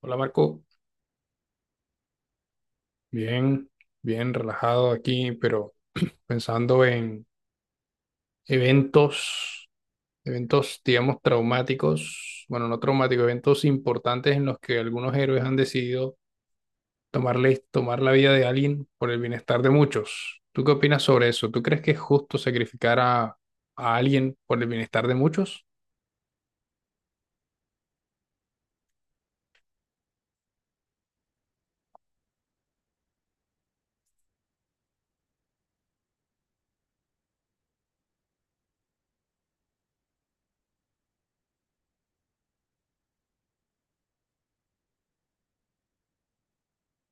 Hola Marco, bien, bien relajado aquí, pero pensando en eventos, eventos, digamos, traumáticos, bueno, no traumáticos, eventos importantes en los que algunos héroes han decidido tomar la vida de alguien por el bienestar de muchos. ¿Tú qué opinas sobre eso? ¿Tú crees que es justo sacrificar a alguien por el bienestar de muchos?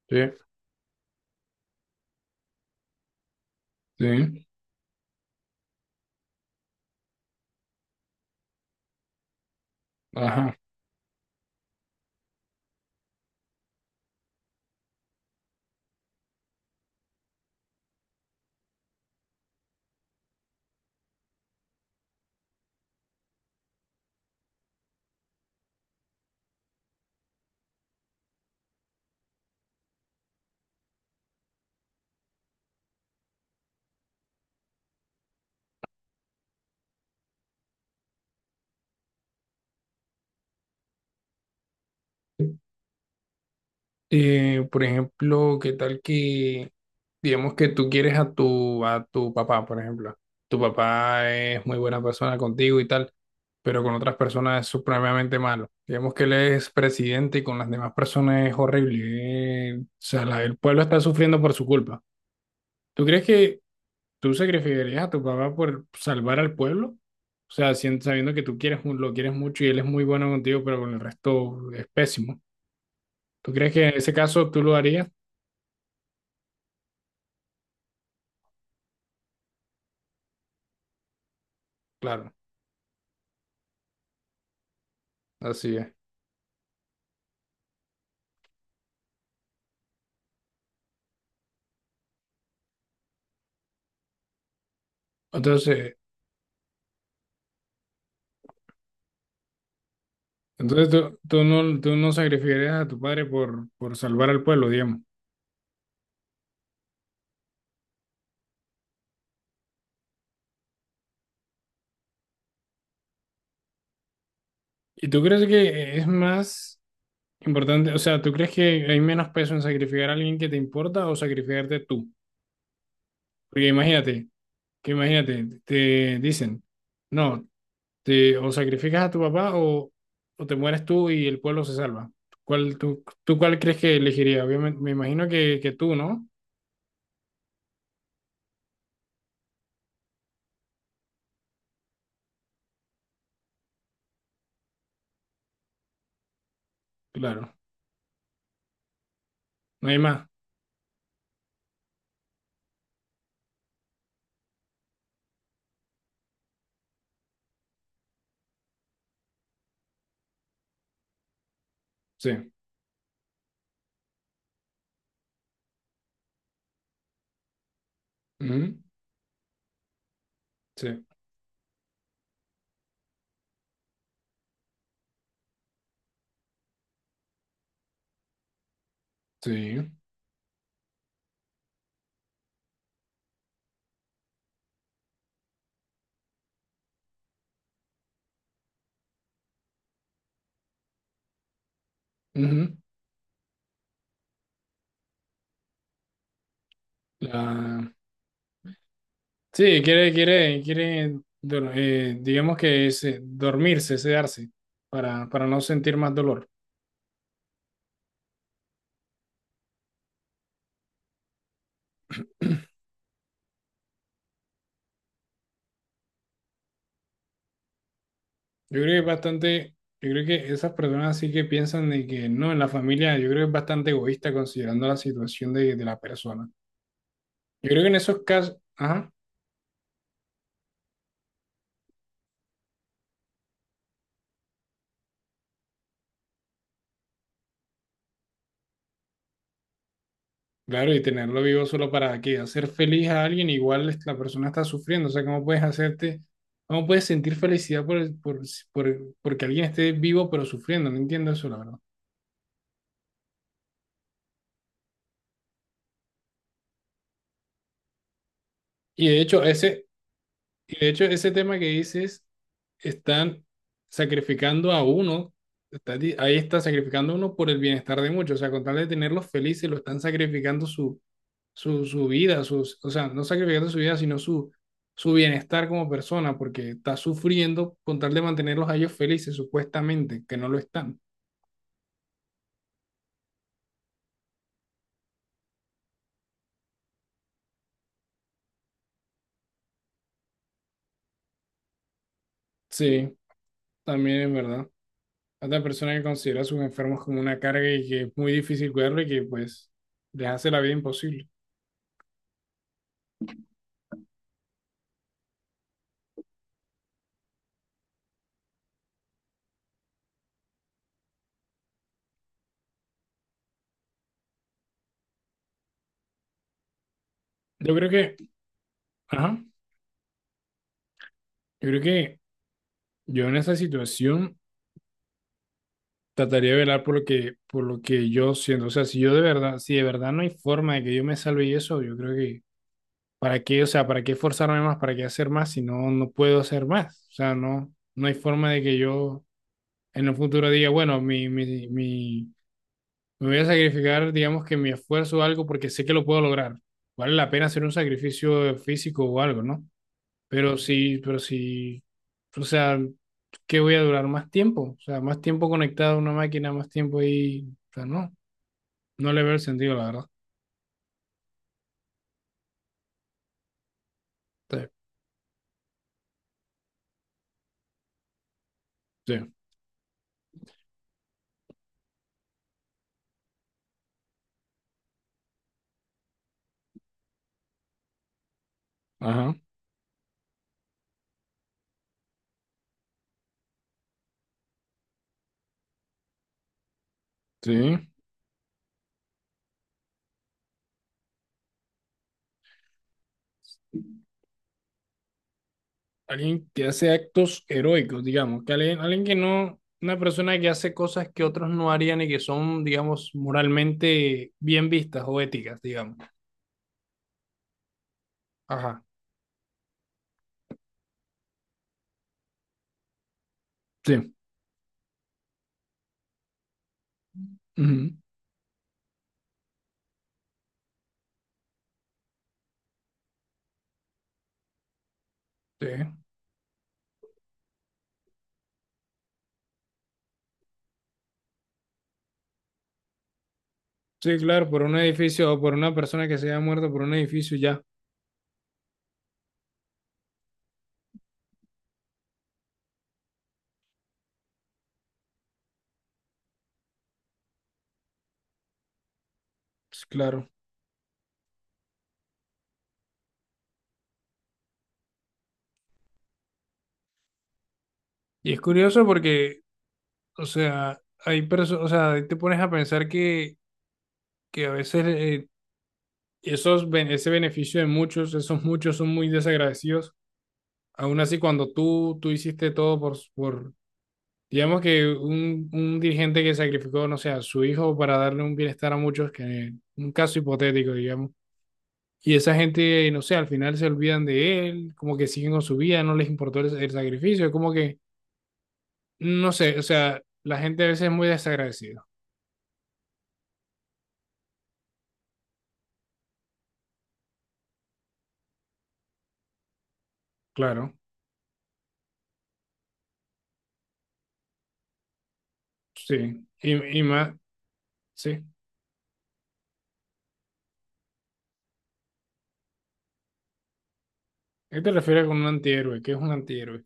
Sí, sí, ajá. Sí. Por ejemplo, digamos que tú quieres a a tu papá, por ejemplo. Tu papá es muy buena persona contigo y tal, pero con otras personas es supremamente malo. Digamos que él es presidente y con las demás personas es horrible. El pueblo está sufriendo por su culpa. ¿Tú crees que tú sacrificarías a tu papá por salvar al pueblo? O sea, sabiendo que tú quieres, lo quieres mucho y él es muy bueno contigo, pero con el resto es pésimo. ¿Tú crees que en ese caso tú lo harías? Claro. Así es. Entonces, entonces tú no sacrificarías a tu padre por salvar al pueblo, digamos. ¿Y tú crees que es más importante? O sea, ¿tú crees que hay menos peso en sacrificar a alguien que te importa o sacrificarte tú? Porque imagínate, te dicen, no, o sacrificas a tu papá, o te mueres tú y el pueblo se salva. ¿Tú cuál crees que elegirías? Obviamente, me imagino que tú, ¿no? Claro, no hay más. Sí. Ujú. Sí, sí. Ujú. La- Sí, quiere, digamos que dormirse, sedarse, para no sentir más dolor. Yo creo que es bastante, yo creo que esas personas sí que piensan de que no, en la familia, yo creo que es bastante egoísta considerando la situación de la persona. Yo creo que en esos casos, ajá, claro, y tenerlo vivo solo para qué hacer feliz a alguien, igual la persona está sufriendo. O sea, ¿cómo puedes hacerte, cómo puedes sentir felicidad porque alguien esté vivo pero sufriendo? No entiendo eso, la verdad. Y de hecho, ese, y de hecho, ese tema que dices, están sacrificando a uno, ahí está sacrificando a uno por el bienestar de muchos. O sea, con tal de tenerlos felices, lo están sacrificando su vida, sus, o sea, no sacrificando su vida, sino su bienestar como persona, porque está sufriendo con tal de mantenerlos a ellos felices, supuestamente, que no lo están. Sí, también es verdad. Otra persona que considera a sus enfermos como una carga y que es muy difícil cuidarlo y que pues les hace la vida imposible. Yo creo que, ajá, yo creo que yo en esa situación trataría de velar por lo que yo siento. O sea, si yo de verdad, si de verdad no hay forma de que yo me salve y eso, yo creo que, ¿para qué? O sea, ¿para qué forzarme más? ¿Para qué hacer más si no, no puedo hacer más? O sea, no, no hay forma de que yo en un futuro diga, bueno, me voy a sacrificar, digamos que mi esfuerzo o algo porque sé que lo puedo lograr. Vale la pena hacer un sacrificio físico o algo, ¿no? Pero sí, o sea, ¿qué voy a durar más tiempo? O sea, más tiempo conectado a una máquina, más tiempo ahí, o sea, no, no le veo el sentido, la verdad. Sí, sí, ajá, sí. Alguien que hace actos heroicos, digamos, que alguien, alguien que no, una persona que hace cosas que otros no harían y que son, digamos, moralmente bien vistas o éticas, digamos. Ajá, sí, ujú, sí. Sí, claro, por un edificio o por una persona que se haya muerto por un edificio, ya, pues, claro. Y es curioso porque, o sea, o sea, ahí te pones a pensar que a veces esos, ese beneficio de muchos, esos muchos son muy desagradecidos. Aún así, cuando tú hiciste todo por, digamos que un dirigente que sacrificó, no sé, a su hijo para darle un bienestar a muchos, que un caso hipotético, digamos. Y esa gente, no sé, al final se olvidan de él, como que siguen con su vida, no les importó el sacrificio, es como que, no sé, o sea, la gente a veces es muy desagradecida, claro. Sí, y más, sí. ¿Qué te refieres con un antihéroe? ¿Qué es un antihéroe?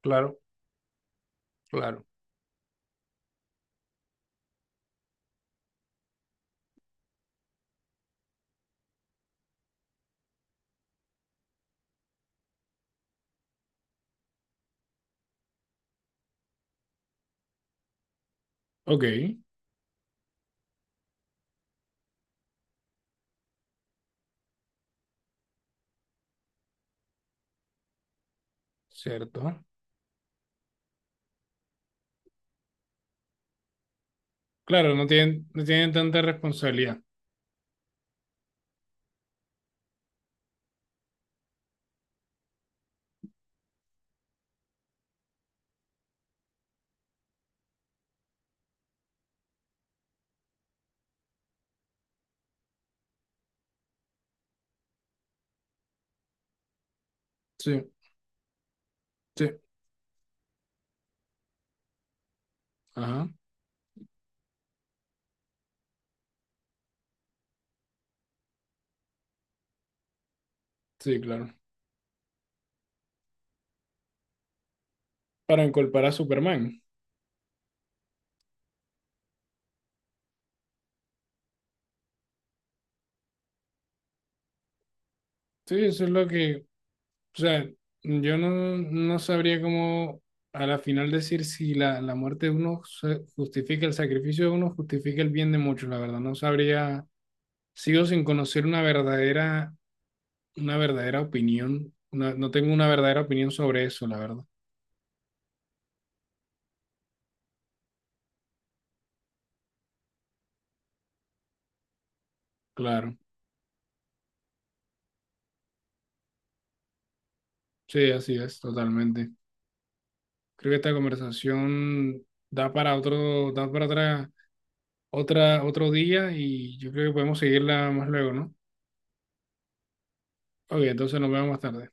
Claro, claro. Ok, cierto. Claro, no tienen tanta responsabilidad. Sí, sí. Ajá, sí, claro. Para incorporar a Superman. Sí, eso es lo que, o sea, yo no, no sabría cómo a la final decir si la muerte de uno justifica el sacrificio de uno, justifica el bien de muchos, la verdad. No sabría, sigo sin conocer una verdadera opinión. No tengo una verdadera opinión sobre eso, la verdad. Claro. Sí, así es, totalmente. Creo que esta conversación da para otro día y yo creo que podemos seguirla más luego, ¿no? Ok, entonces nos vemos más tarde.